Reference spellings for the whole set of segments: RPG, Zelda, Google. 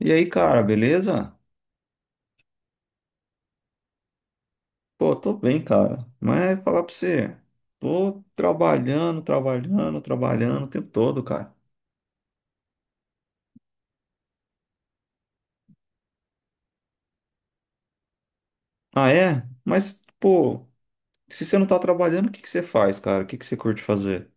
E aí, cara, beleza? Pô, tô bem, cara. Mas falar pra você, tô trabalhando o tempo todo, cara. Ah, é? Mas, pô, se você não tá trabalhando, o que que você faz, cara? O que que você curte fazer?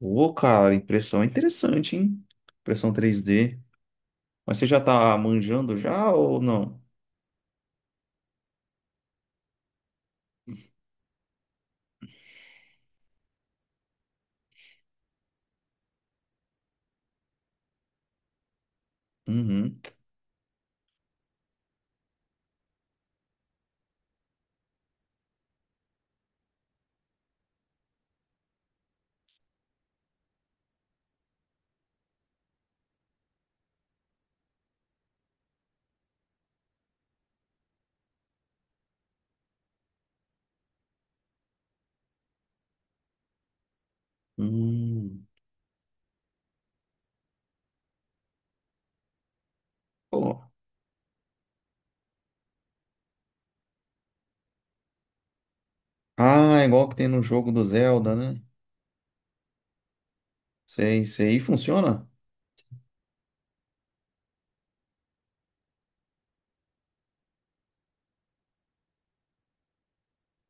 Ô, cara, impressão é interessante, hein? Impressão três d. Mas você já tá manjando já ou não? Uhum. Hum. Pô. Ah, igual que tem no jogo do Zelda, né? Sei, sei. E funciona?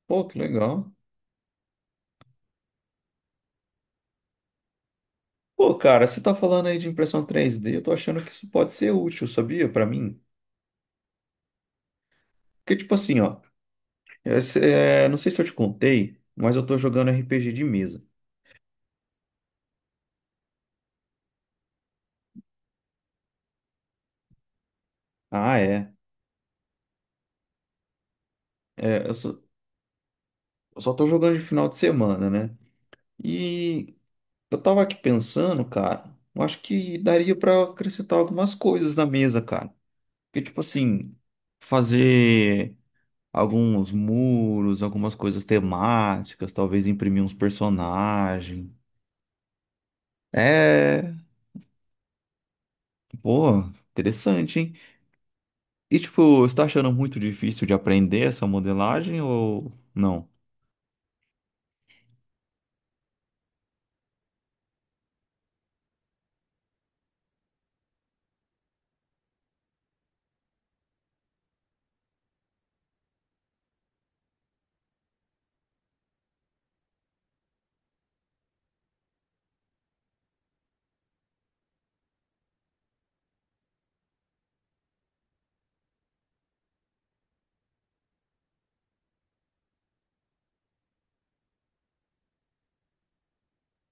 Pô, que legal. Pô, cara, você tá falando aí de impressão três d, eu tô achando que isso pode ser útil, sabia? Pra mim. Porque, tipo assim, ó, é, não sei se eu te contei, mas eu tô jogando RPG de mesa. Ah, é. É, eu só tô jogando de final de semana, né? E eu tava aqui pensando, cara, eu acho que daria pra acrescentar algumas coisas na mesa, cara. Porque, tipo assim, fazer alguns muros, algumas coisas temáticas, talvez imprimir uns personagens. É. Pô, interessante, hein? E tipo, você tá achando muito difícil de aprender essa modelagem ou não?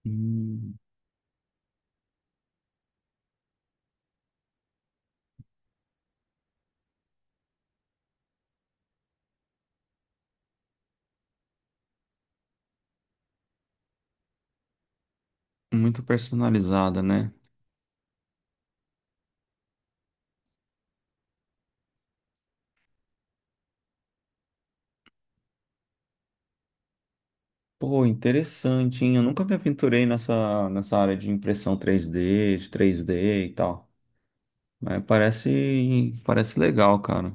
Hum, muito personalizada, né? Pô, interessante, hein? Eu nunca me aventurei nessa área de impressão três d, e tal. Mas parece legal, cara.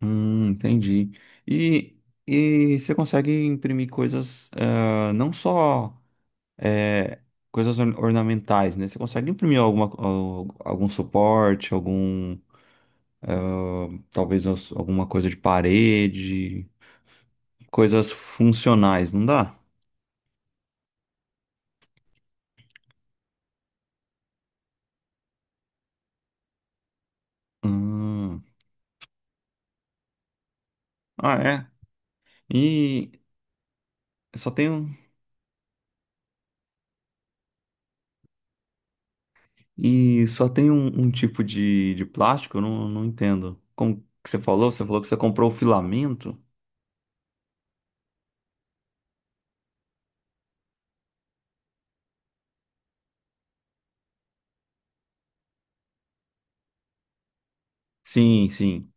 Entendi. E, e você consegue imprimir coisas, eh, não só. É, coisas ornamentais, né? Você consegue imprimir alguma, algum suporte, algum, talvez alguma coisa de parede, coisas funcionais, não dá? Hum. Ah, é. E só tem um, e só tem um, um tipo de plástico? Eu não entendo. Como que você falou? Você falou que você comprou o filamento? Sim, sim,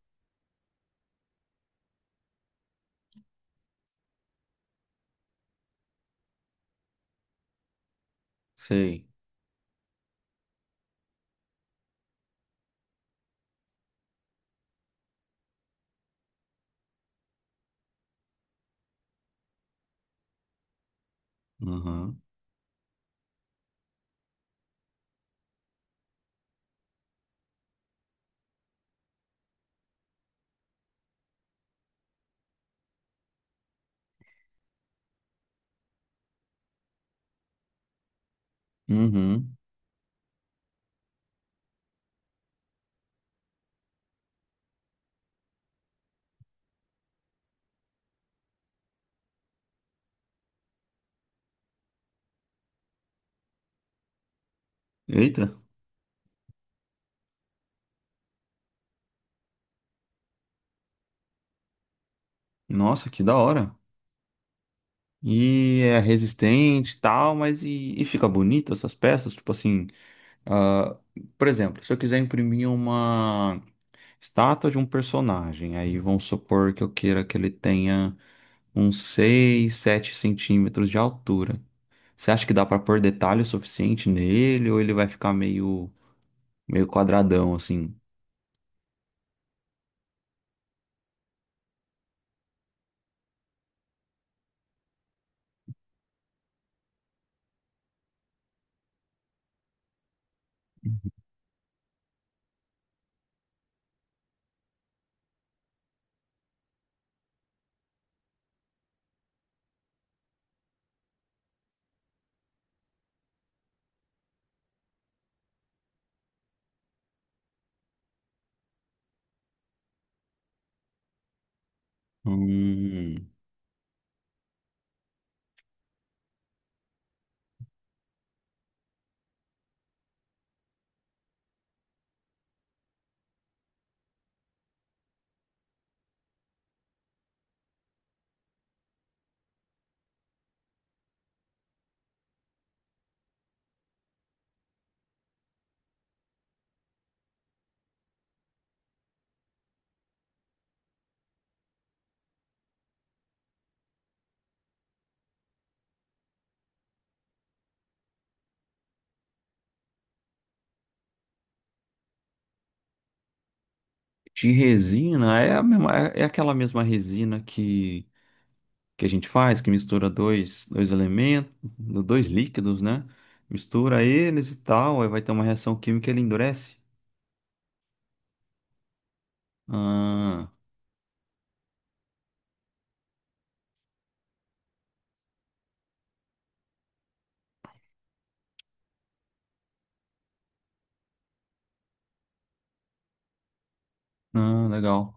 sei. Uhum. Uhum. Eita, nossa, que da hora. E é resistente e tal, mas e fica bonito essas peças? Tipo assim, ah, por exemplo, se eu quiser imprimir uma estátua de um personagem, aí vamos supor que eu queira que ele tenha uns 6, 7 centímetros de altura. Você acha que dá pra pôr detalhe o suficiente nele ou ele vai ficar meio, meio quadradão assim? Hum, de resina, é a mesma, é é aquela mesma resina que a gente faz, que mistura dois, dois elementos, dois líquidos, né? Mistura eles e tal, aí vai ter uma reação química e ele endurece. Ah, ah, legal.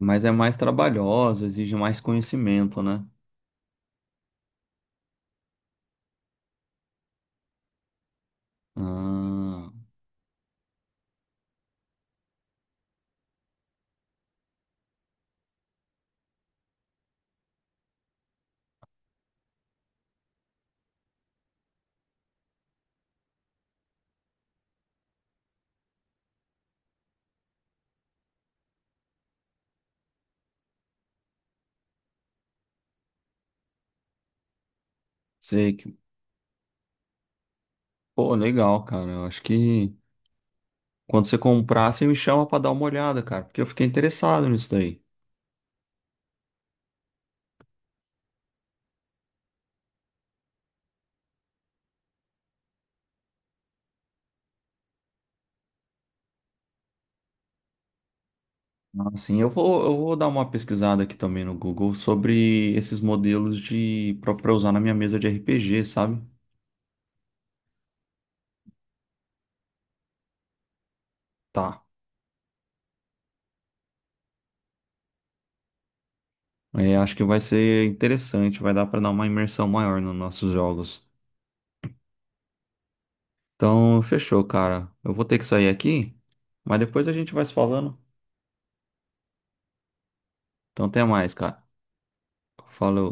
Mas é mais trabalhosa, exige mais conhecimento, né? Ah, sei que. Pô, legal, cara. Eu acho que quando você comprar, você me chama pra dar uma olhada, cara, porque eu fiquei interessado nisso daí. Assim, eu vou dar uma pesquisada aqui também no Google sobre esses modelos de para usar na minha mesa de RPG, sabe? Tá. É, acho que vai ser interessante, vai dar pra dar uma imersão maior nos nossos jogos. Então, fechou, cara. Eu vou ter que sair aqui, mas depois a gente vai se falando. Então, até mais, cara. Falou.